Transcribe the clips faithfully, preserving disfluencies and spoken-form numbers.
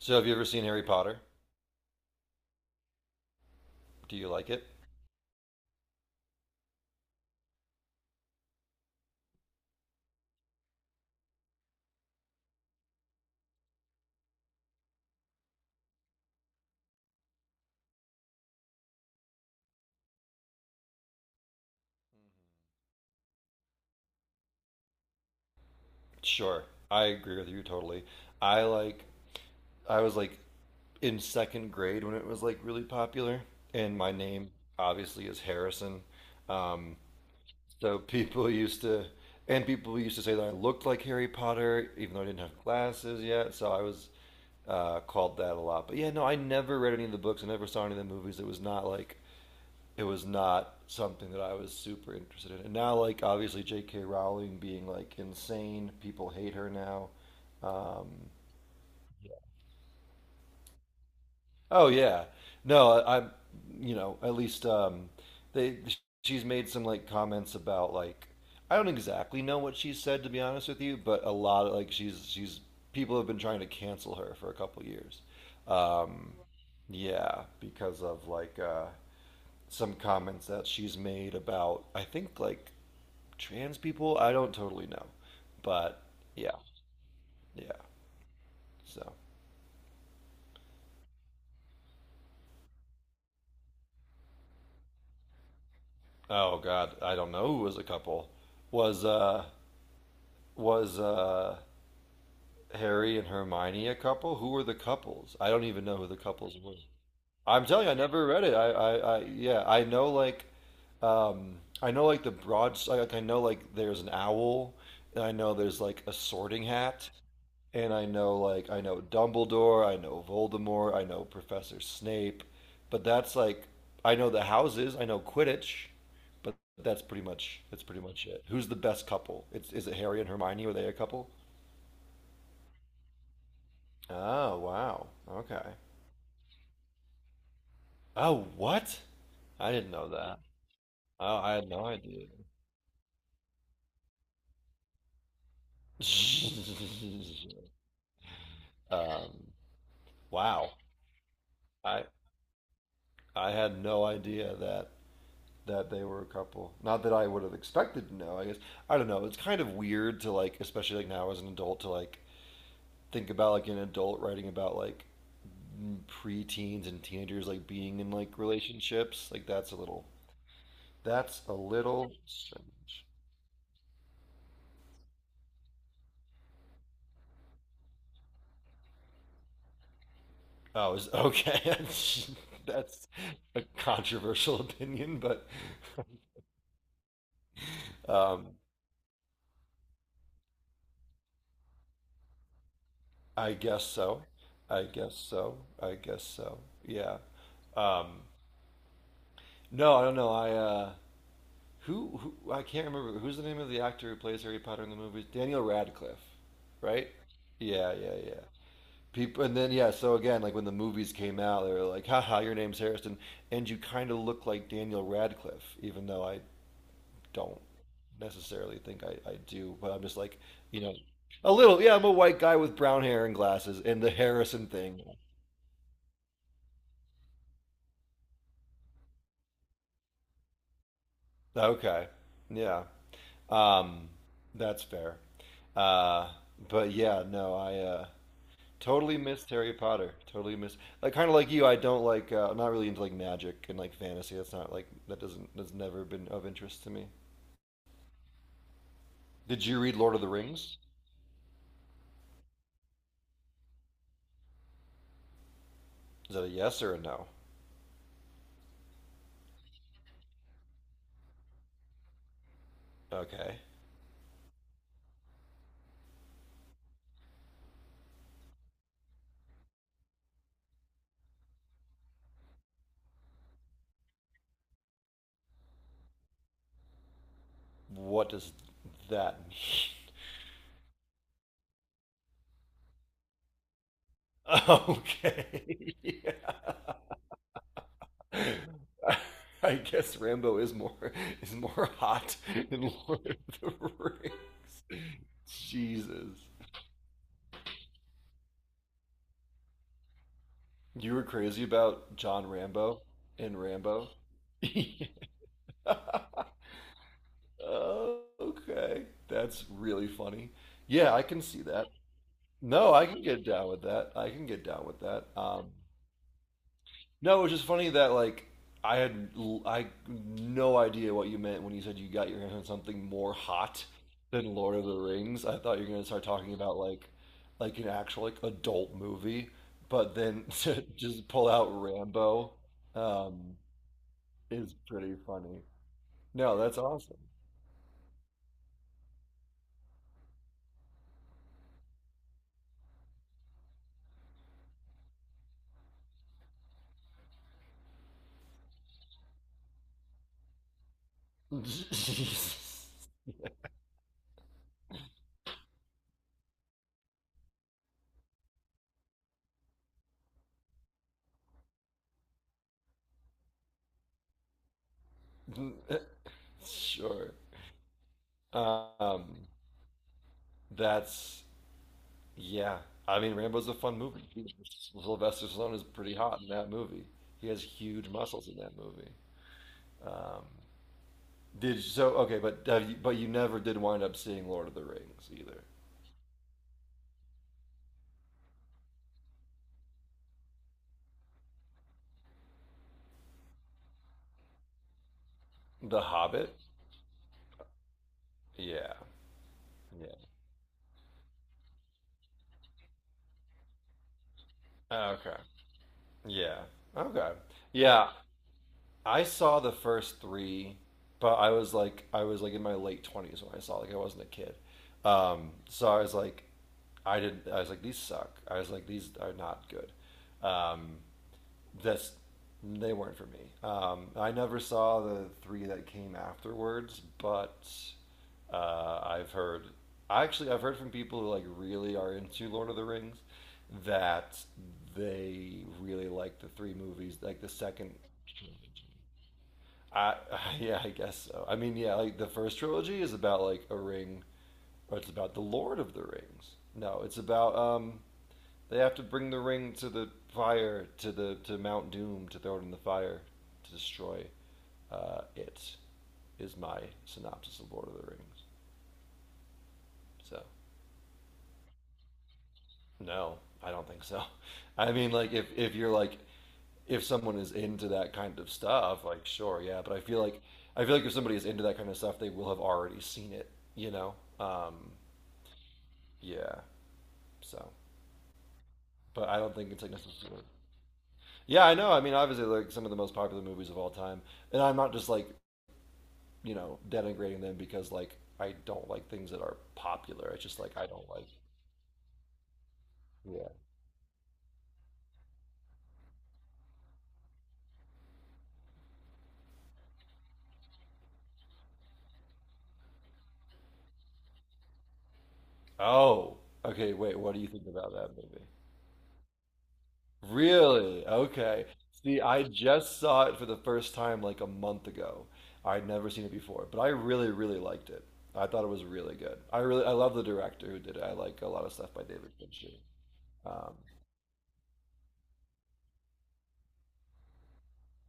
So, have you ever seen Harry Potter? Do you like it? Sure. I agree with you totally. I like, I was like in second grade when it was like really popular, and my name obviously is Harrison. Um, so people used to, and people used to say that I looked like Harry Potter, even though I didn't have glasses yet. So I was uh, called that a lot. But yeah, no, I never read any of the books. I never saw any of the movies. It was not like it was not something that I was super interested in. And now, like obviously J K. Rowling being like insane, people hate her now. Um, oh yeah, no, I, I'm, you know, at least um, they she's made some like comments about like I don't exactly know what she said to be honest with you, but a lot of like she's she's people have been trying to cancel her for a couple years. Um, yeah, because of like uh, some comments that she's made about I think like trans people. I don't totally know, but yeah, yeah. So oh god, I don't know who was a couple. Was uh was uh Harry and Hermione a couple? Who were the couples? I don't even know who the couples were. I'm telling you, I never read it. I I, I yeah, I know like um I know like the broad like I know like there's an owl. And I know there's like a sorting hat, and I know like I know Dumbledore, I know Voldemort, I know Professor Snape, but that's like I know the houses, I know Quidditch, but that's pretty much that's pretty much it. Who's the best couple? It's, is it Harry and Hermione? Were they a couple? Oh wow, okay. Oh what? I didn't know that. Oh, I had no idea. um, wow, I I had no idea that that they were a couple. Not that I would have expected to know. I guess I don't know. It's kind of weird to like, especially like now as an adult, to like think about like an adult writing about like m- preteens and teenagers like being in like relationships. Like that's a little. That's a little strange. Oh, is okay. That's a controversial opinion, but um, I guess so. I guess so. I guess so. Yeah. Um, no, I don't know. I uh, Who, who I can't remember who's the name of the actor who plays Harry Potter in the movies? Daniel Radcliffe, right? Yeah, yeah, yeah. People, and then yeah. So again, like when the movies came out, they were like, "Haha, your name's Harrison," and you kind of look like Daniel Radcliffe, even though I, don't necessarily think I, I do. But I'm just like, you know, a little. Yeah, I'm a white guy with brown hair and glasses, and the Harrison thing. Okay. Yeah. Um, that's fair. Uh, but yeah, no, I uh, totally missed Harry Potter. Totally missed. Like kind of like you, I don't like. Uh, I'm not really into like magic and like fantasy. That's not like that doesn't that's never been of interest to me. Did you read Lord of the Rings? Is that a yes or a no? Okay. What does that mean? Okay. Yeah. I guess Rambo is more is more hot than Lord of the Rings. Jesus. You were crazy about John Rambo and Rambo. okay, that's really funny. Yeah, I can see that. No, I can get down with that. I can get down with that. Um, no, it was just funny that like I had l- I no idea what you meant when you said you got your hands on something more hot than Lord of the Rings. I thought you were gonna start talking about like like an actual like adult movie, but then to just pull out Rambo um, is pretty funny. No, that's awesome. sure. Um, that's yeah. I mean, Rambo's a fun movie. Sylvester Stallone is pretty hot in that movie. He has huge muscles in that movie. Um, did so okay, but have you, but you never did wind up seeing Lord of the Rings either. The Hobbit. Yeah. Yeah. Okay. Yeah. Okay. Yeah. I saw the first three, but I was like, I was like in my late twenties when I saw. Like, I wasn't a kid. Um, so I was like, I didn't. I was like, these suck. I was like, these are not good. Um, that's they weren't for me. Um, I never saw the three that came afterwards, but uh, I've heard. Actually, I've heard from people who like really are into Lord of the Rings that they really like the three movies, like the second I, yeah, I guess so. I mean, yeah, like the first trilogy is about like a ring, or it's about the Lord of the Rings. No, it's about um, they have to bring the ring to the fire, to the to Mount Doom, to throw it in the fire, to destroy uh, it. Is my synopsis of Lord of the Rings. So no, I don't think so. I mean, like if if you're like if someone is into that kind of stuff, like sure, yeah. But I feel like I feel like if somebody is into that kind of stuff, they will have already seen it. You know, um, yeah. So, but I don't think it's like necessarily. Yeah, I know. I mean, obviously, like some of the most popular movies of all time, and I'm not just like you know, denigrating them because like I don't like things that are popular. It's just like I don't like. Yeah. Oh, okay. Wait, what do you think about that movie? Really? Okay. See, I just saw it for the first time like a month ago. I'd never seen it before, but I really, really liked it. I thought it was really good. I really, I love the director who did it. I like a lot of stuff by David Fincher. Um,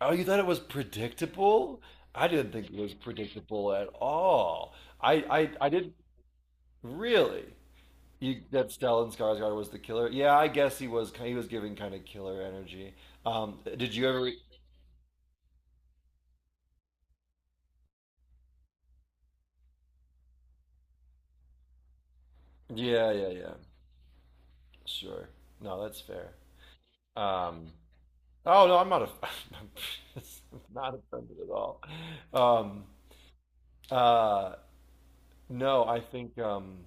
oh, you thought it was predictable? I didn't think it was predictable at all. I, I, I didn't really. You, that Stellan Skarsgård was the killer. Yeah, I guess he was. He was giving kind of killer energy. Um, did you ever? Yeah, yeah, yeah. Sure. No, that's fair. Um, oh no, I'm not. A, I'm not offended at all. Um, uh, no, I think um,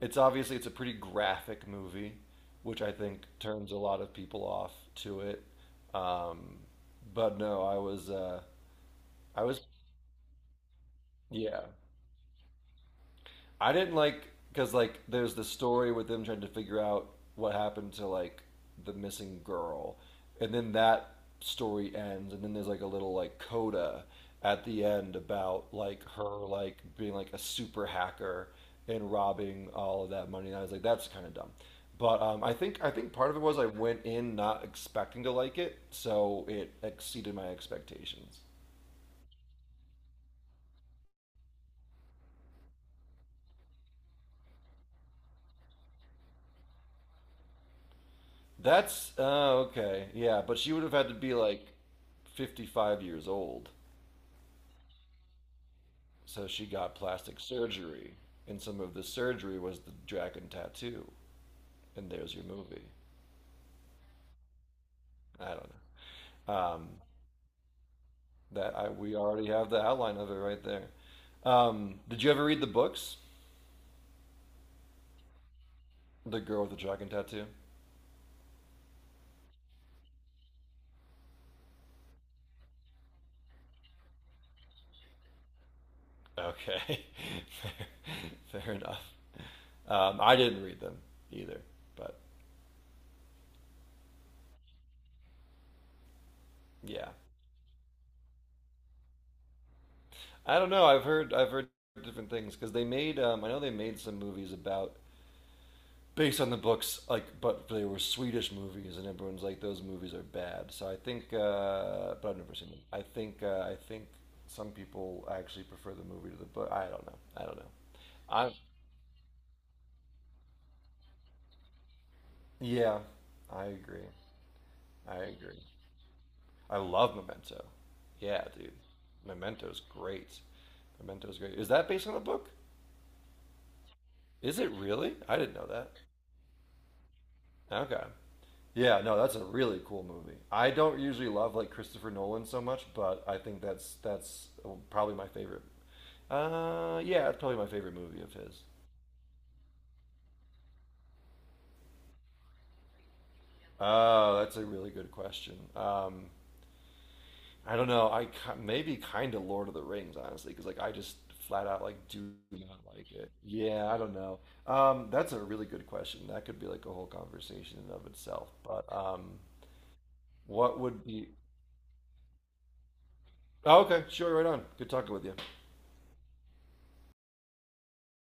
it's obviously it's a pretty graphic movie, which I think turns a lot of people off to it. Um, but no, I was. Uh, I was. Yeah. I didn't like because like there's the story with them trying to figure out what happened to like the missing girl, and then that story ends, and then there's like a little like coda at the end about like her like being like a super hacker and robbing all of that money. And I was like, that's kind of dumb. But um, I think I think part of it was I went in not expecting to like it, so it exceeded my expectations. That's oh okay, yeah. But she would have had to be like fifty-five years old, so she got plastic surgery, and some of the surgery was the dragon tattoo. And there's your movie. I don't know. Um, that I we already have the outline of it right there. Um, did you ever read the books? The Girl with the Dragon Tattoo. Okay, fair, fair enough. Um, I didn't read them either, but yeah. I don't know. I've heard I've heard different things because they made um, I know they made some movies about based on the books like but they were Swedish movies and everyone's like those movies are bad. So I think uh, but I've never seen them. I think uh, I think some people actually prefer the movie to the book. I don't know. I don't know. I yeah, I agree. I agree. I love Memento. Yeah, dude. Memento's great. Memento's great. Is that based on a book? Is it really? I didn't know that. Okay. Yeah, no, that's a really cool movie. I don't usually love like Christopher Nolan so much, but I think that's that's oh, probably my favorite. Uh, yeah, it's probably my favorite movie of his. Oh, that's a really good question. Um, I don't know. I ki- maybe kind of Lord of the Rings, honestly, because like I just flat out like do not like it. Yeah, I don't know. Um, that's a really good question. That could be like a whole conversation in and of itself. But um, what would be? Oh, okay, sure, right on. Good talking with you.